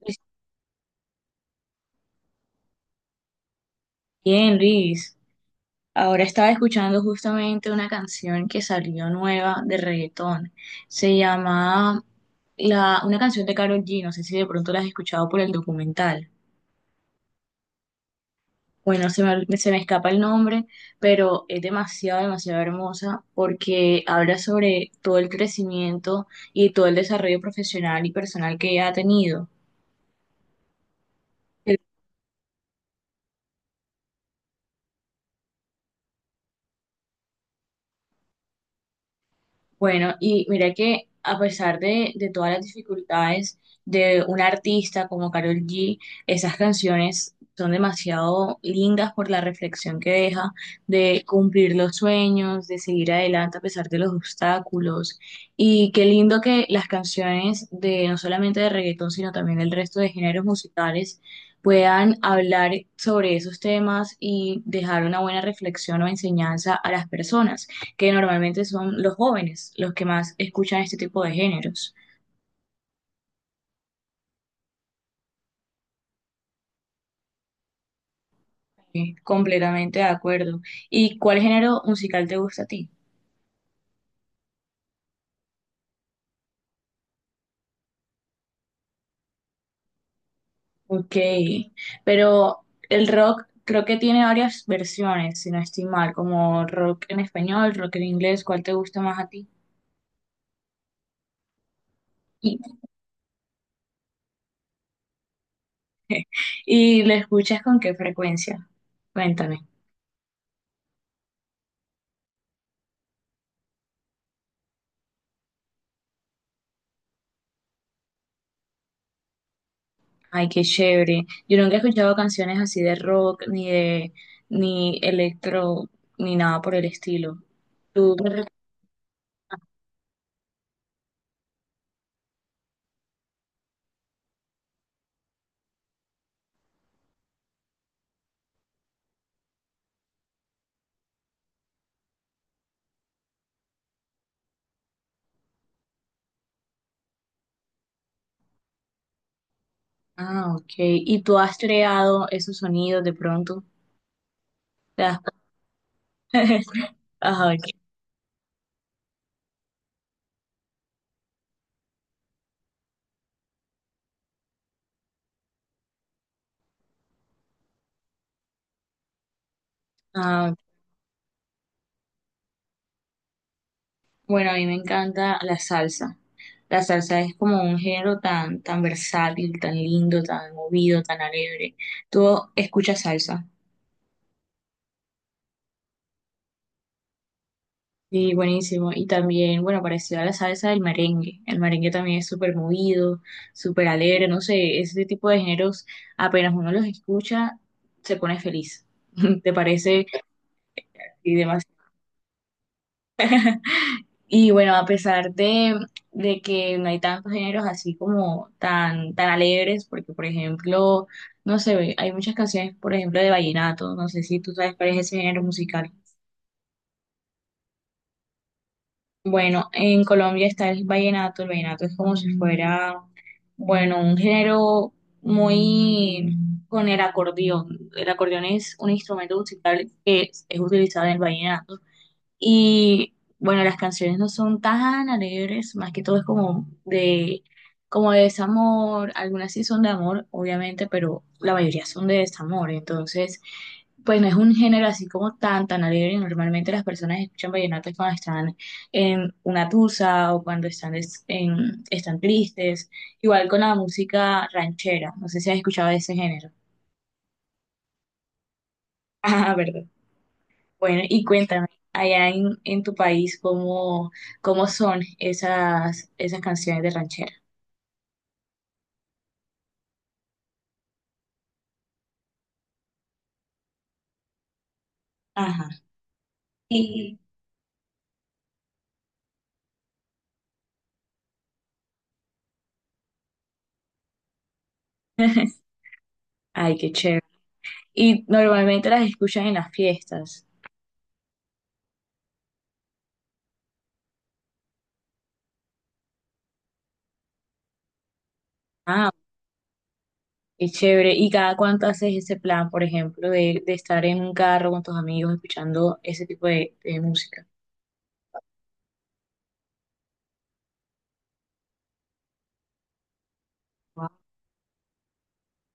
Pues bien, Luis. Ahora estaba escuchando justamente una canción que salió nueva de reggaetón. Se llama una canción de Karol G. No sé si de pronto la has escuchado por el documental. Bueno, se me escapa el nombre, pero es demasiado, demasiado hermosa porque habla sobre todo el crecimiento y todo el desarrollo profesional y personal que ella ha tenido. Bueno, y mira que a pesar de todas las dificultades de un artista como Karol G, esas canciones son demasiado lindas por la reflexión que deja de cumplir los sueños, de seguir adelante a pesar de los obstáculos. Y qué lindo que las canciones de, no solamente de reggaetón, sino también del resto de géneros musicales, puedan hablar sobre esos temas y dejar una buena reflexión o enseñanza a las personas, que normalmente son los jóvenes los que más escuchan este tipo de géneros. Sí, completamente de acuerdo. ¿Y cuál género musical te gusta a ti? Ok, pero el rock creo que tiene varias versiones, si no estoy mal, como rock en español, rock en inglés. ¿Cuál te gusta más a ti? ¿Y, y lo escuchas con qué frecuencia? Cuéntame. Ay, qué chévere. Yo nunca he escuchado canciones así de rock, ni de, ni electro, ni nada por el estilo. ¿Tú Ah, ok. ¿Y tú has creado esos sonidos de pronto? ¿Te das cuenta? Ah, ok. Ah, ok. Bueno, a mí me encanta la salsa. La salsa es como un género tan, tan versátil, tan lindo, tan movido, tan alegre. ¿Tú escuchas salsa? Sí, buenísimo. Y también, bueno, parecido a la salsa, el merengue. El merengue también es súper movido, súper alegre. No sé, ese tipo de géneros, apenas uno los escucha, se pone feliz. ¿Te parece? Y demás. Y bueno, a pesar de que no hay tantos géneros así como tan, tan alegres, porque por ejemplo, no sé, hay muchas canciones, por ejemplo, de vallenato. No sé si tú sabes cuál es ese género musical. Bueno, en Colombia está el vallenato. El vallenato es como si fuera, bueno, un género muy con el acordeón. El acordeón es un instrumento musical es utilizado en el vallenato. Y bueno, las canciones no son tan alegres, más que todo es como como de desamor. Algunas sí son de amor, obviamente, pero la mayoría son de desamor, entonces pues no es un género así como tan, tan alegre. Normalmente las personas escuchan vallenato es cuando están en una tusa o cuando están tristes, igual con la música ranchera. No sé si has escuchado de ese género. Ah, ¿verdad? Bueno, y cuéntame, allá en tu país, ¿cómo, cómo son esas canciones de ranchera? Ajá. Y... Ay, qué chévere. Y normalmente las escuchas en las fiestas. Ah, qué chévere. ¿Y cada cuánto haces ese plan, por ejemplo, de estar en un carro con tus amigos escuchando ese tipo de música?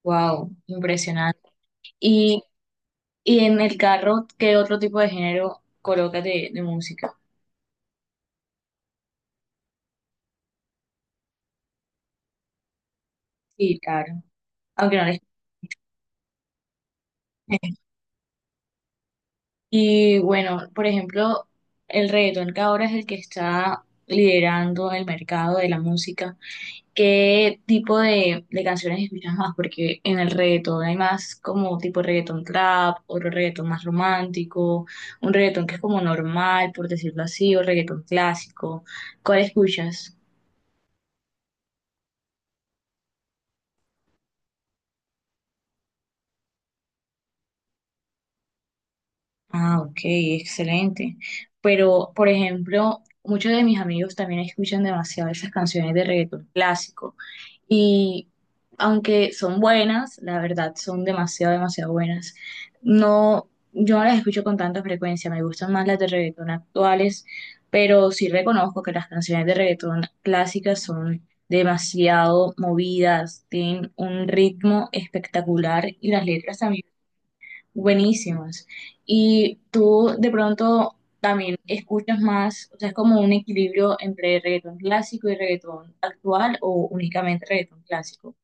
Wow, impresionante. Y, y en el carro, ¿qué otro tipo de género colocas de música? Sí, claro. Aunque no les... Y bueno, por ejemplo, el reggaetón, que ahora es el que está liderando el mercado de la música, ¿qué tipo de canciones escuchas más? Porque en el reggaetón hay más como tipo reggaetón trap, otro reggaetón más romántico, un reggaetón que es como normal, por decirlo así, o reggaetón clásico. ¿Cuál escuchas? Ah, ok, excelente. Pero, por ejemplo, muchos de mis amigos también escuchan demasiado esas canciones de reggaetón clásico. Y aunque son buenas, la verdad son demasiado, demasiado buenas. No, yo no las escucho con tanta frecuencia, me gustan más las de reggaetón actuales, pero sí reconozco que las canciones de reggaetón clásicas son demasiado movidas, tienen un ritmo espectacular y las letras también buenísimas. Y tú de pronto también escuchas más, o sea, ¿es como un equilibrio entre reggaetón clásico y reggaetón actual o únicamente reggaetón clásico?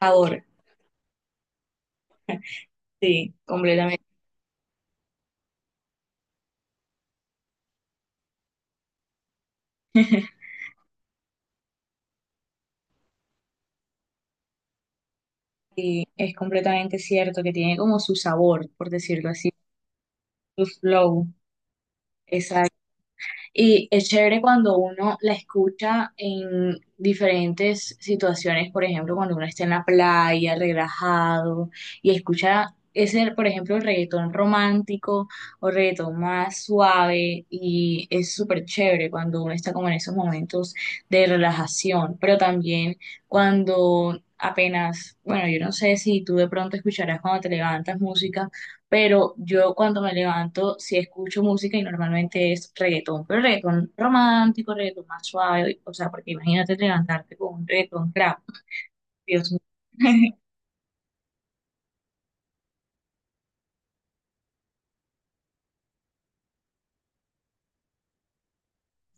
Ahora, sí, completamente. Y es completamente cierto que tiene como su sabor, por decirlo así, su flow, esa... Y es chévere cuando uno la escucha en diferentes situaciones, por ejemplo, cuando uno está en la playa, relajado, y escucha ese, por ejemplo, el reggaetón romántico o reggaetón más suave, y es súper chévere cuando uno está como en esos momentos de relajación. Pero también cuando apenas, bueno, yo no sé si tú de pronto escucharás cuando te levantas música, pero yo cuando me levanto sí escucho música y normalmente es reggaetón, pero reggaetón romántico, reggaetón más suave. O sea, porque imagínate levantarte con un reggaetón trap, Dios mío.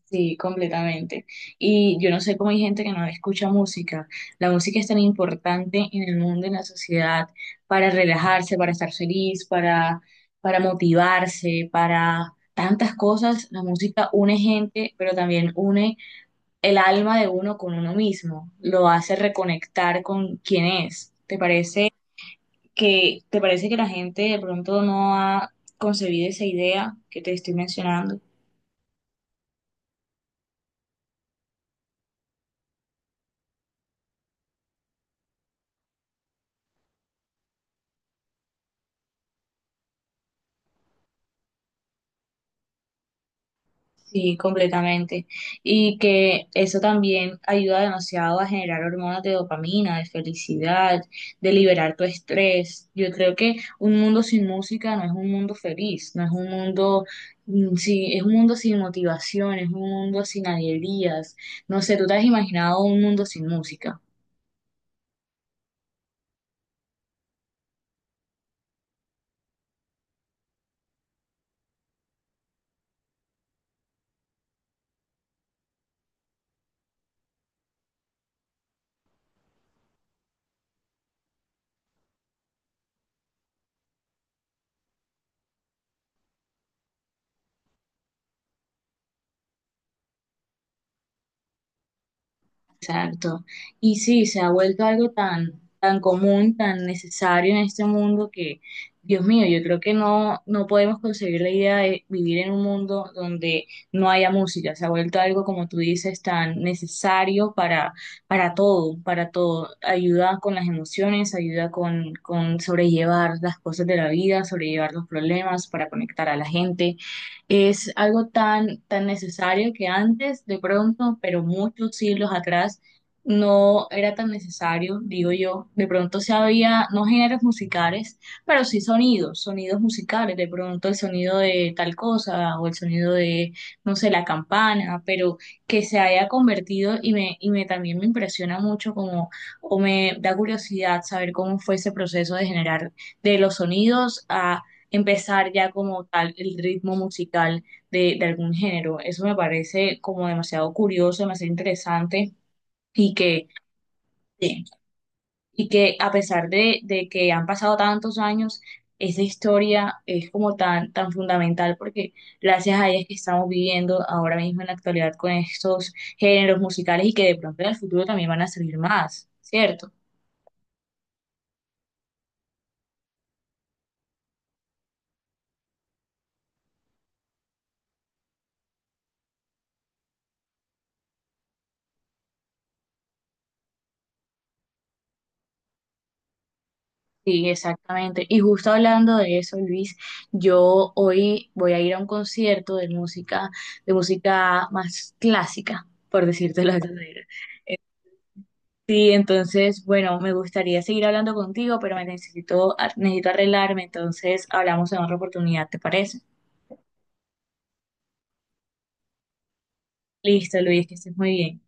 Sí, completamente. Y yo no sé cómo hay gente que no escucha música. La música es tan importante en el mundo, en la sociedad, para relajarse, para estar feliz, para motivarse, para tantas cosas. La música une gente, pero también une el alma de uno con uno mismo, lo hace reconectar con quién es. ¿Te parece te parece que la gente de pronto no ha concebido esa idea que te estoy mencionando? Sí, completamente. Y que eso también ayuda demasiado a generar hormonas de dopamina, de felicidad, de liberar tu estrés. Yo creo que un mundo sin música no es un mundo feliz, no es un mundo, mm, sí, es un mundo sin motivación, es un mundo sin alegrías. No sé, ¿tú te has imaginado un mundo sin música? Exacto. Y sí, se ha vuelto algo tan, tan común, tan necesario en este mundo que, Dios mío, yo creo que no, no podemos concebir la idea de vivir en un mundo donde no haya música. Se ha vuelto algo, como tú dices, tan necesario para todo, para todo. Ayuda con las emociones, ayuda con sobrellevar las cosas de la vida, sobrellevar los problemas, para conectar a la gente. Es algo tan, tan necesario, que antes, de pronto, pero muchos siglos atrás, no era tan necesario, digo yo. De pronto se había, no géneros musicales, pero sí sonidos, sonidos musicales. De pronto el sonido de tal cosa o el sonido de, no sé, la campana. Pero que se haya convertido y me también me impresiona mucho como, o me da curiosidad saber cómo fue ese proceso de generar, de los sonidos, a empezar ya como tal el ritmo musical de algún género. Eso me parece como demasiado curioso, demasiado interesante y que, sí, y que a pesar de que han pasado tantos años, esa historia es como tan, tan fundamental, porque gracias a ella es que estamos viviendo ahora mismo en la actualidad con estos géneros musicales, y que de pronto en el futuro también van a salir más, ¿cierto? Sí, exactamente. Y justo hablando de eso, Luis, yo hoy voy a ir a un concierto de música más clásica, por decirte la verdadera. Eh, Sí, entonces, bueno, me gustaría seguir hablando contigo, pero necesito arreglarme, entonces hablamos en otra oportunidad, ¿te parece? Listo, Luis, que estés muy bien.